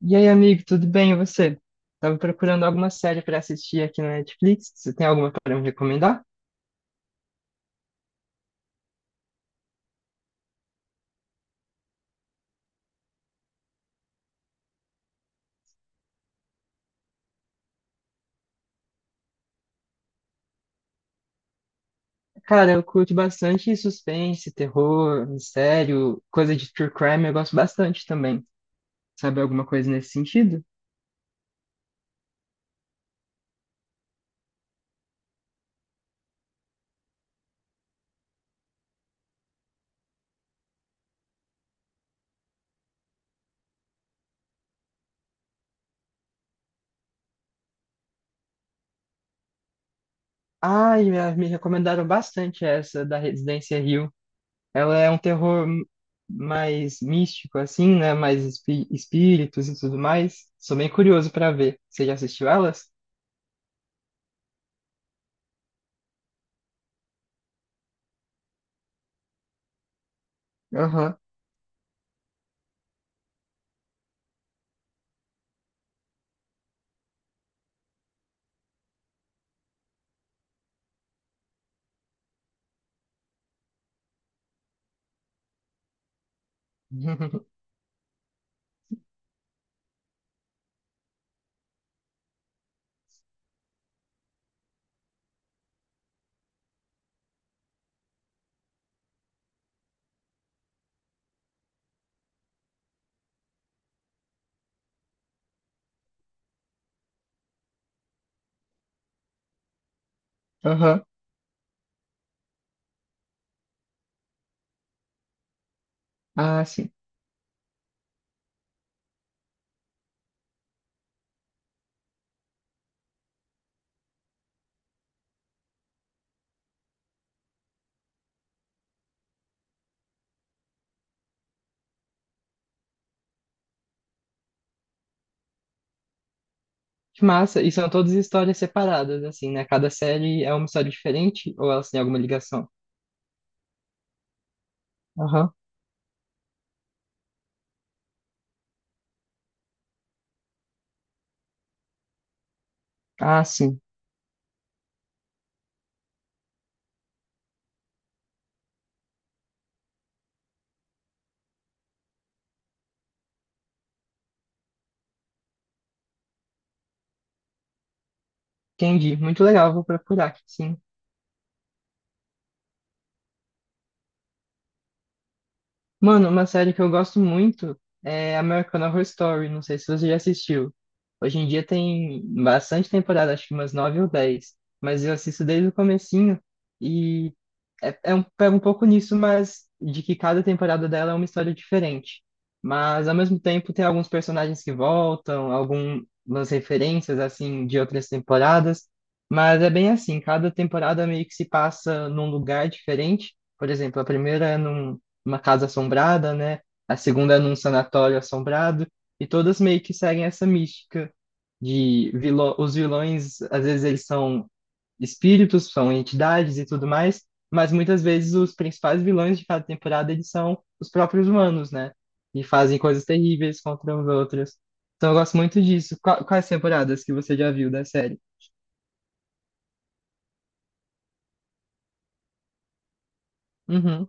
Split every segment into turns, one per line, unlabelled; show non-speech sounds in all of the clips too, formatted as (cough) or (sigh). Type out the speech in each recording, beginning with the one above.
E aí, amigo, tudo bem? E você? Tava procurando alguma série pra assistir aqui na Netflix. Você tem alguma para me recomendar? Cara, eu curto bastante suspense, terror, mistério, coisa de true crime, eu gosto bastante também. Sabe alguma coisa nesse sentido? Ai, me recomendaram bastante essa da Residência Hill. Ela é um terror mais místico, assim, né? Mais espíritos e tudo mais. Sou bem curioso pra ver. Você já assistiu elas? Aham. (laughs) Aham. Ah, sim. Que massa! E são todas histórias separadas, assim, né? Cada série é uma história diferente ou elas têm alguma ligação? Aham. Ah, sim. Entendi. Muito legal, vou procurar, sim. Mano, uma série que eu gosto muito é American Horror Story. Não sei se você já assistiu. Hoje em dia tem bastante temporada, acho que umas nove ou dez. Mas eu assisto desde o comecinho e pega um pouco nisso, mas de que cada temporada dela é uma história diferente. Mas ao mesmo tempo tem alguns personagens que voltam, algumas referências assim de outras temporadas. Mas é bem assim, cada temporada meio que se passa num lugar diferente. Por exemplo, a primeira é num uma casa assombrada, né? A segunda é num sanatório assombrado, e todas meio que seguem essa mística de vilão, os vilões, às vezes eles são espíritos, são entidades e tudo mais, mas muitas vezes os principais vilões de cada temporada eles são os próprios humanos, né? E fazem coisas terríveis contra os outros. Então eu gosto muito disso. Quais temporadas que você já viu da série? Uhum.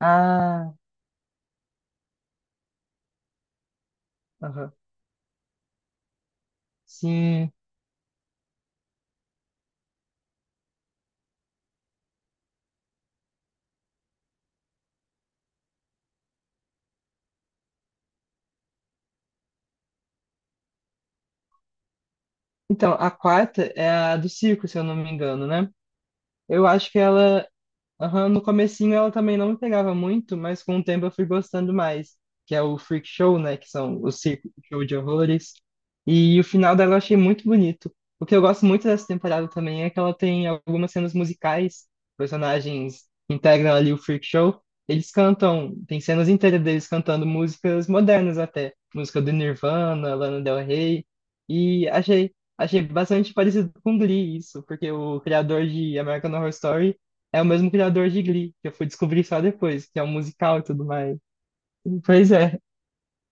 Ah, aham. Sim. Então, a quarta é a do circo, se eu não me engano, né? Eu acho que ela Aham, no comecinho ela também não me pegava muito, mas com o tempo eu fui gostando mais, que é o Freak Show, né, que são o circo show de horrores. E o final dela eu achei muito bonito. O que eu gosto muito dessa temporada também é que ela tem algumas cenas musicais, personagens que integram ali o Freak Show, eles cantam, tem cenas inteiras deles cantando músicas modernas até, música do Nirvana, Lana Del Rey, e achei bastante parecido com Glee isso, porque o criador de American Horror Story é o mesmo criador de Glee, que eu fui descobrir só depois, que é um musical e tudo mais. Pois é.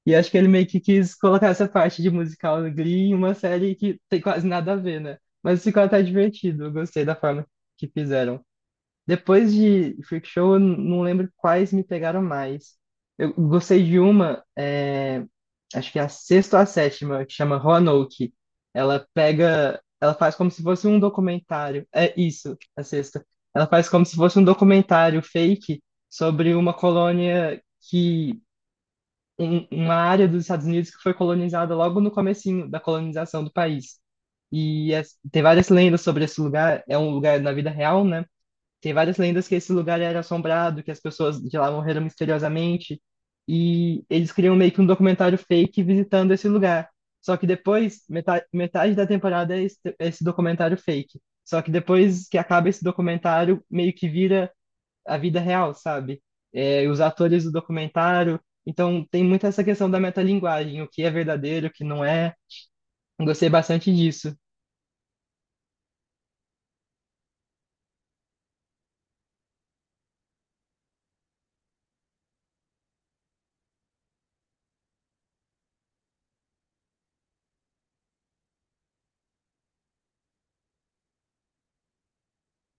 E acho que ele meio que quis colocar essa parte de musical do Glee em uma série que tem quase nada a ver, né? Mas ficou até divertido. Eu gostei da forma que fizeram. Depois de Freak Show, eu não lembro quais me pegaram mais. Eu gostei de uma, acho que é a sexta ou a sétima, que chama Roanoke. Ela faz como se fosse um documentário. É isso, a sexta. Ela faz como se fosse um documentário fake sobre uma colônia que, uma área dos Estados Unidos que foi colonizada logo no comecinho da colonização do país. E tem várias lendas sobre esse lugar. É um lugar na vida real, né? Tem várias lendas que esse lugar era assombrado, que as pessoas de lá morreram misteriosamente. E eles criam meio que um documentário fake visitando esse lugar. Só que depois, metade da temporada é esse documentário fake. Só que depois que acaba esse documentário, meio que vira a vida real, sabe? É, os atores do documentário. Então tem muito essa questão da metalinguagem, o que é verdadeiro, o que não é. Gostei bastante disso.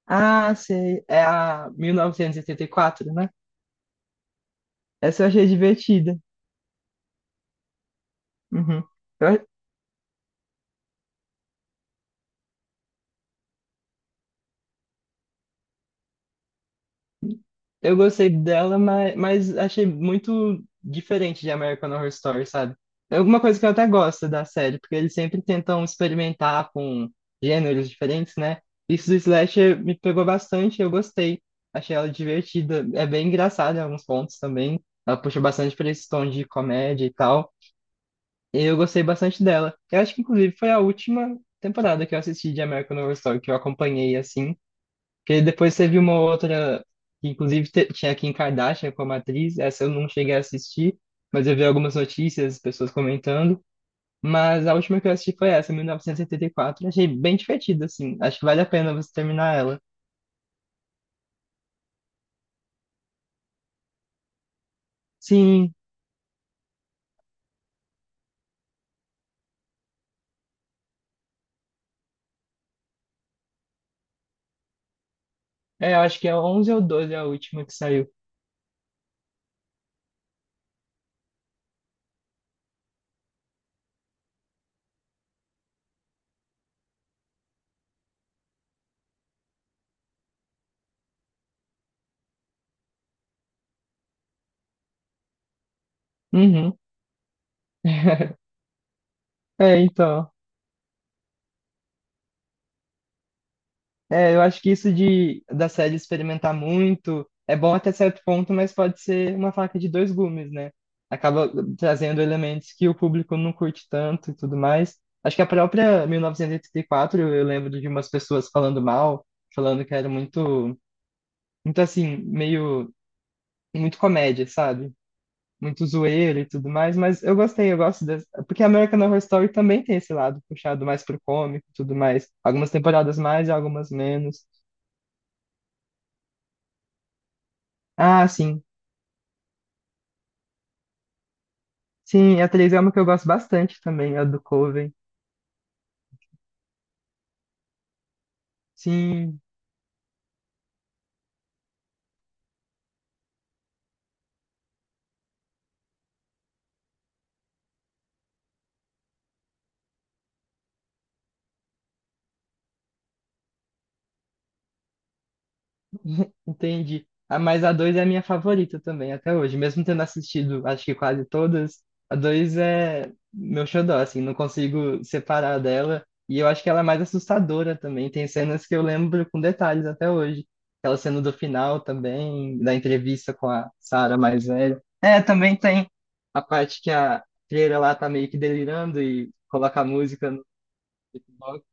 Ah, sei. É a mil novecentos e oitenta e quatro, né? Essa eu achei divertida. Uhum. Eu, eu gostei dela, mas achei muito diferente de American Horror Story, sabe? É alguma coisa que eu até gosto da série, porque eles sempre tentam experimentar com gêneros diferentes, né? Isso do Slasher me pegou bastante, eu gostei. Achei ela divertida. É bem engraçada em alguns pontos também. Ela puxa bastante para esse tom de comédia e tal. E eu gostei bastante dela. Eu acho que, inclusive, foi a última temporada que eu assisti de American Horror Story, que eu acompanhei, assim. Porque depois teve uma outra, que inclusive tinha a Kim Kardashian como atriz, essa eu não cheguei a assistir, mas eu vi algumas notícias, pessoas comentando. Mas a última que eu assisti foi essa, mil novecentos e oitenta e quatro. Achei bem divertida, assim. Acho que vale a pena você terminar ela. Sim, eu acho que é 11 ou 12 a última que saiu. Uhum. (laughs) É, então. É, eu acho que isso de da série experimentar muito é bom até certo ponto, mas pode ser uma faca de dois gumes, né? Acaba trazendo elementos que o público não curte tanto e tudo mais. Acho que a própria 1984, eu lembro de umas pessoas falando mal, falando que era muito, muito assim, meio, muito comédia, sabe? Muito zoeira e tudo mais, mas eu gostei, eu gosto dessa. Porque American Horror Story também tem esse lado puxado mais pro cômico e tudo mais. Algumas temporadas mais e algumas menos. Ah, sim. Sim, a 3 é uma que eu gosto bastante também, a do Coven. Sim, entendi. Ah, mas a 2 é a minha favorita também, até hoje. Mesmo tendo assistido, acho que quase todas, a 2 é meu xodó, assim, não consigo separar dela. E eu acho que ela é mais assustadora também. Tem cenas que eu lembro com detalhes até hoje. Aquela cena do final também, da entrevista com a Sarah mais velha. É, também tem a parte que a Freira lá tá meio que delirando e coloca a música no box.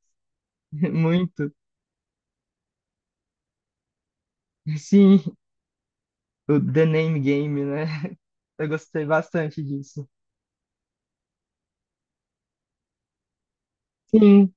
(laughs) Muito. Sim, o The Name Game, né? Eu gostei bastante disso. Sim,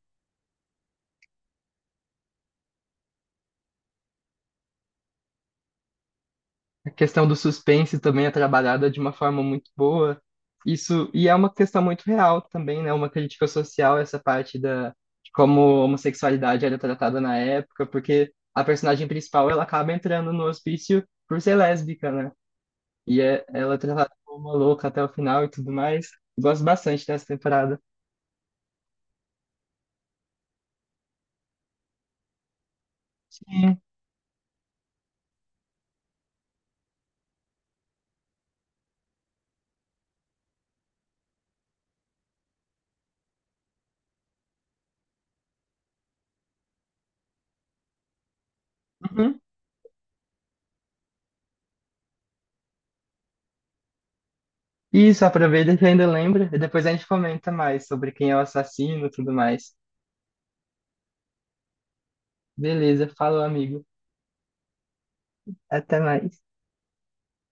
a questão do suspense também é trabalhada de uma forma muito boa. Isso, e é uma questão muito real também, né? Uma crítica social, essa parte de como a homossexualidade era tratada na época, porque a personagem principal, ela acaba entrando no hospício por ser lésbica, né? E ela é tratada como uma louca até o final e tudo mais. Gosto bastante dessa temporada. Sim. Uhum. Isso, aproveita que ainda lembra e depois a gente comenta mais sobre quem é o assassino e tudo mais. Beleza, falou, amigo. Até mais.